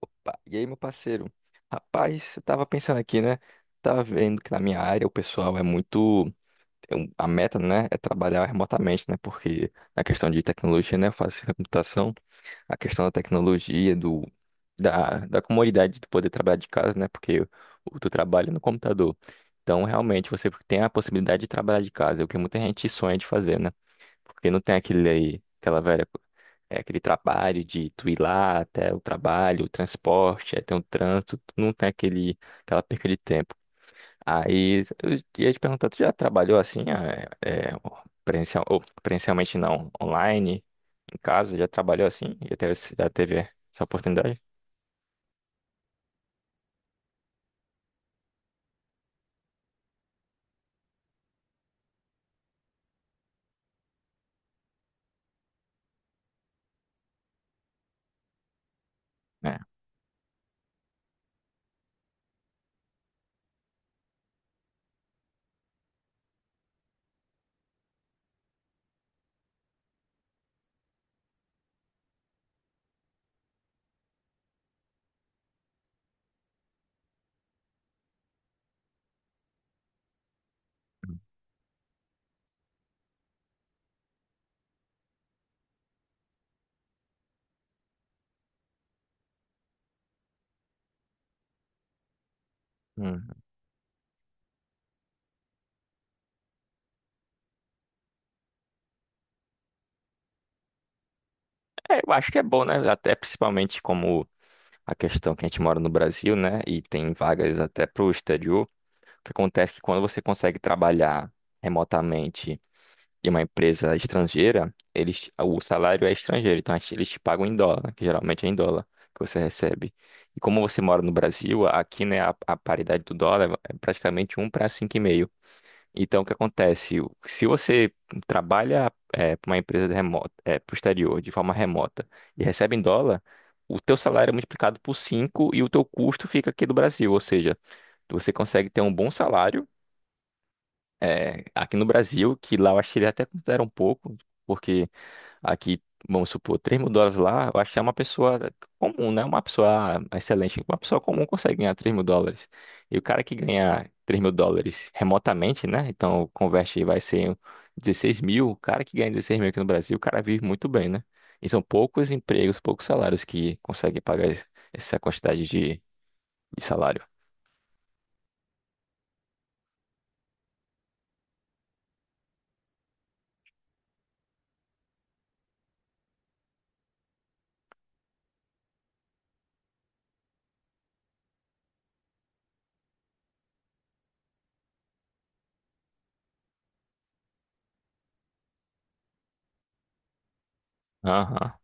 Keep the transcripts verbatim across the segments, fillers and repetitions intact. Opa, e aí, meu parceiro? Rapaz, eu tava pensando aqui, né? Tava vendo que na minha área o pessoal é muito. é um- A meta, né, é trabalhar remotamente, né? Porque na questão de tecnologia, né? Eu faço ciência da computação, a questão da tecnologia, do, da, da comodidade de poder trabalhar de casa, né? Porque o tu trabalha no computador. Então, realmente, você tem a possibilidade de trabalhar de casa, é o que muita gente sonha de fazer, né? Porque não tem aquele aí, aquela velha, co- é, aquele trabalho de tu ir lá até o trabalho, o transporte, aí tem um trânsito, tu não tem aquele, aquela perca de tempo. Aí eu ia te perguntar, tu já trabalhou assim, é, é, presencial, ou presencialmente não, online, em casa, já trabalhou assim? Já teve, esse- já teve essa oportunidade? É. Hum. É, eu acho que é bom, né? Até principalmente como a questão que a gente mora no Brasil, né? E tem vagas até pro exterior. O que acontece é que quando você consegue trabalhar remotamente em uma empresa estrangeira, eles, o salário é estrangeiro, então eles te pagam em dólar, que geralmente é em dólar que você recebe. E como você mora no Brasil, aqui, né, a, a paridade do dólar é é praticamente um para cinco e meio. Então, o que acontece? O- Se você trabalha para uma empresa de remota, é, para o exterior, de forma remota, e recebe em dólar, o teu salário é multiplicado por cinco e o teu custo fica aqui do Brasil, ou seja, você consegue ter um bom salário, é, aqui no Brasil, que lá eu acho que ele até considera um pouco, porque aqui, vamos supor, três mil dólares lá, eu acho que é uma pessoa comum, né? Uma pessoa excelente, uma pessoa comum consegue ganhar três mil dólares. E o cara que ganha três mil dólares remotamente, né? Então, converte aí, vai ser dezesseis mil. O cara que ganha dezesseis mil aqui no Brasil, o cara vive muito bem, né? E são poucos empregos, poucos salários que conseguem pagar es- essa quantidade de, de salário. Aham.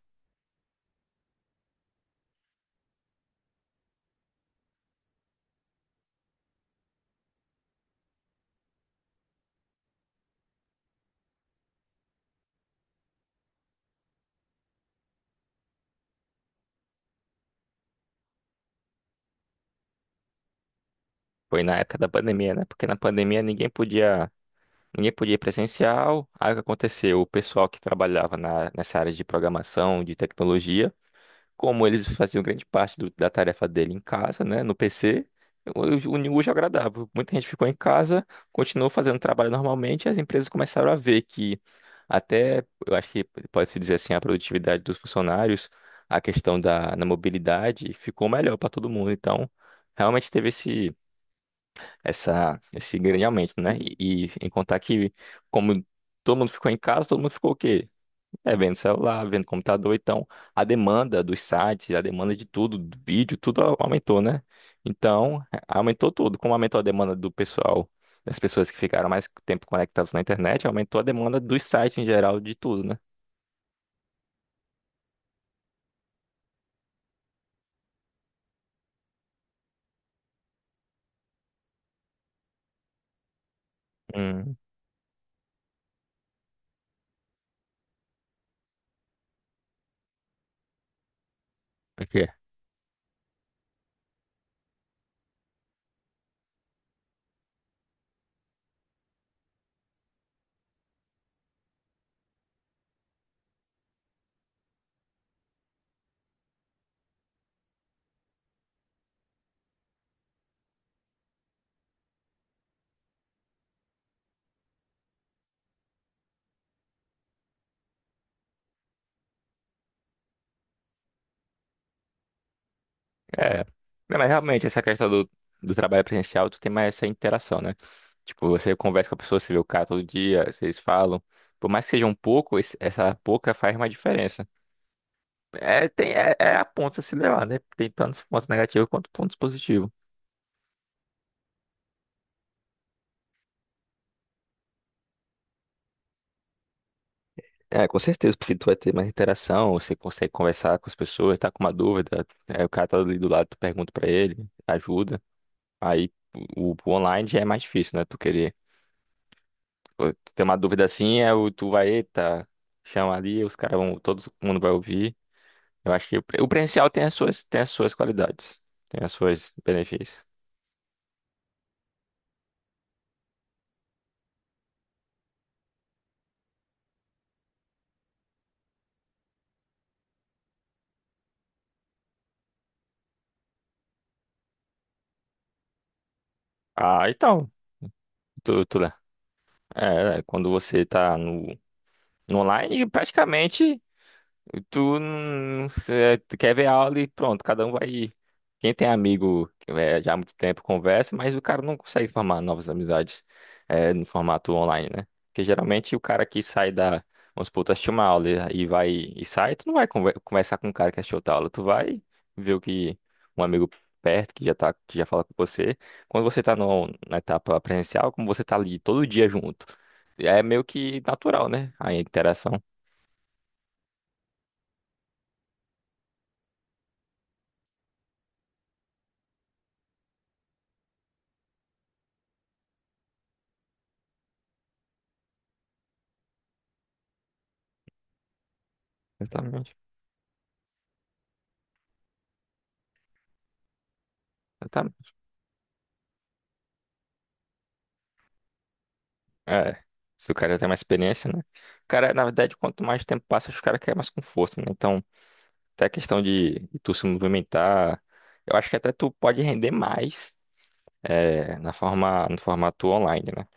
Foi na época da pandemia, né? Porque na pandemia ninguém podia. Ninguém podia ir presencial. Aí o que aconteceu? O pessoal que trabalhava na, nessa área de programação, de tecnologia, como eles faziam grande parte do- da tarefa dele em casa, né, no P C, o, o New já agradável. Muita gente ficou em casa, continuou fazendo trabalho normalmente, e as empresas começaram a ver que até, eu acho que pode-se dizer assim, a produtividade dos funcionários, a questão da na mobilidade, ficou melhor para todo mundo. Então, realmente teve esse essa, esse grande aumento, né? E, e em contar que, como todo mundo ficou em casa, todo mundo ficou o quê? É, vendo celular, vendo computador. Então, a demanda dos sites, a demanda de tudo, do vídeo, tudo au- aumentou, né? Então, aumentou tudo. Como aumentou a demanda do pessoal, das pessoas que ficaram mais tempo conectadas na internet, aumentou a demanda dos sites em geral, de tudo, né? Hum, ok. É. Não, mas realmente essa questão do, do trabalho presencial, tu tem mais essa interação, né? Tipo, você conversa com a pessoa, você vê o cara todo dia, vocês falam. Por mais que seja um pouco, esse- essa pouca faz uma diferença. É, tem, é, é a ponta a se levar, né? Tem tantos pontos negativos quanto pontos positivos. É, com certeza, porque tu vai ter mais interação, você consegue conversar com as pessoas, tá com uma dúvida, é, o cara tá ali do lado, tu pergunta pra ele, ajuda. Aí o, o online já é mais difícil, né? Tu querer. Pô, tu tem uma dúvida assim, é o tu vai, eita, chama ali, os caras vão, todo mundo vai ouvir. Eu acho que o pre- o presencial tem as suas, tem as suas qualidades, tem as suas benefícios. Ah, então, tu, tu, né? É, é, quando você tá no, no online, praticamente. Tu não cê- tu quer ver aula e pronto, cada um vai. Quem tem amigo que é, já há muito tempo conversa, mas o cara não consegue formar novas amizades, é, no formato online, né? Porque geralmente o cara que sai da. Vamos supor, tu assistiu uma aula e e vai e sai, tu não vai conver- conversar com o cara que assistiu outra aula, tu vai ver o que um amigo perto que já tá, que já fala com você. Quando você tá no, na etapa presencial, como você tá ali todo dia junto, é meio que natural, né? A interação. Exatamente. É, se o cara já tem mais experiência, né? Cara, na verdade, quanto mais tempo passa, os caras querem mais com força, né? Então, até a questão de, de tu se movimentar, eu acho que até tu pode render mais, é, na forma, no formato online, né?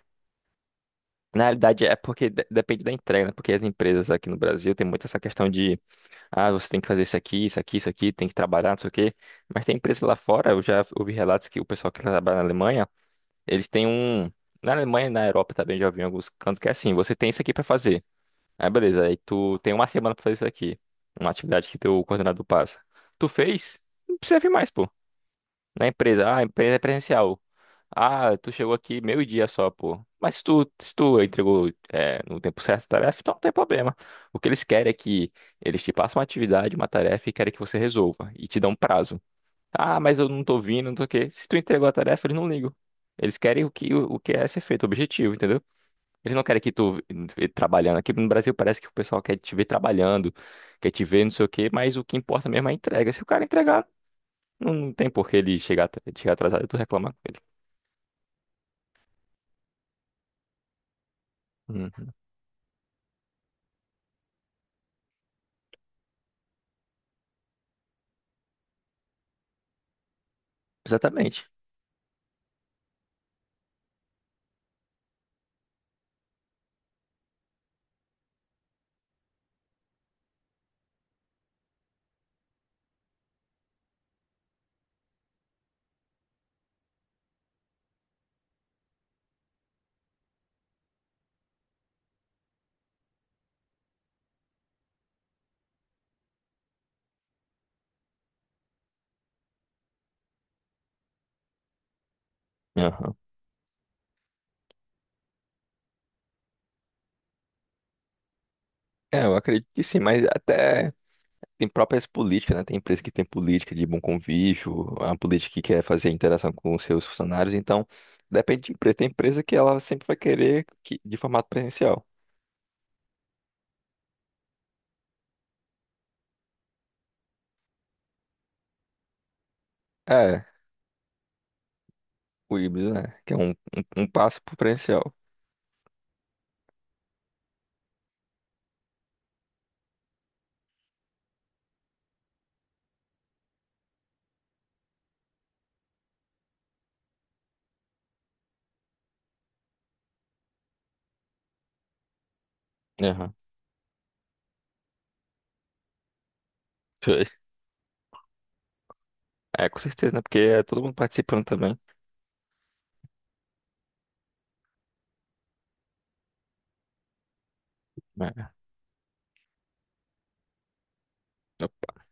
Na realidade, é porque de- depende da entrega, né? Porque as empresas aqui no Brasil tem muito essa questão de, ah, você tem que fazer isso aqui, isso aqui, isso aqui, tem que trabalhar, não sei o quê. Mas tem empresas lá fora, eu já ouvi relatos que o pessoal que trabalha na Alemanha, eles têm um. Na Alemanha e na Europa também já ouvi em alguns cantos que é assim, você tem isso aqui pra fazer. Aí beleza, aí tu tem uma semana pra fazer isso aqui. Uma atividade que teu coordenador passa. Tu fez? Não precisa vir mais, pô. Na empresa, ah, a empresa é presencial. Ah, tu chegou aqui meio-dia só, pô. Mas se tu, se tu entregou, é, no tempo certo a tarefa, então não tem problema. O que eles querem é que eles te passem uma atividade, uma tarefa e querem que você resolva. E te dão um prazo. Ah, mas eu não tô vindo, não tô o quê. Se tu entregou a tarefa, eles não ligam. Eles querem o que, o que é ser feito, o objetivo, entendeu? Eles não querem que tu vê trabalhando. Aqui no Brasil parece que o pessoal quer te ver trabalhando, quer te ver não sei o quê, mas o que importa mesmo é a entrega. Se o cara entregar, não, não tem por que ele chegar, at- chegar atrasado e tu reclamar com ele. Uhum. Exatamente. Aham. É, eu acredito que sim, mas até tem próprias políticas, né? Tem empresa que tem política de bom convívio, uma política que quer fazer interação com os seus funcionários, então depende de empresa. Tem empresa que ela sempre vai querer que, de formato presencial. É, o híbrido, né? Que é um, um, um passo pro presencial. Foi. É, com certeza, né? Porque é todo mundo participando também. É.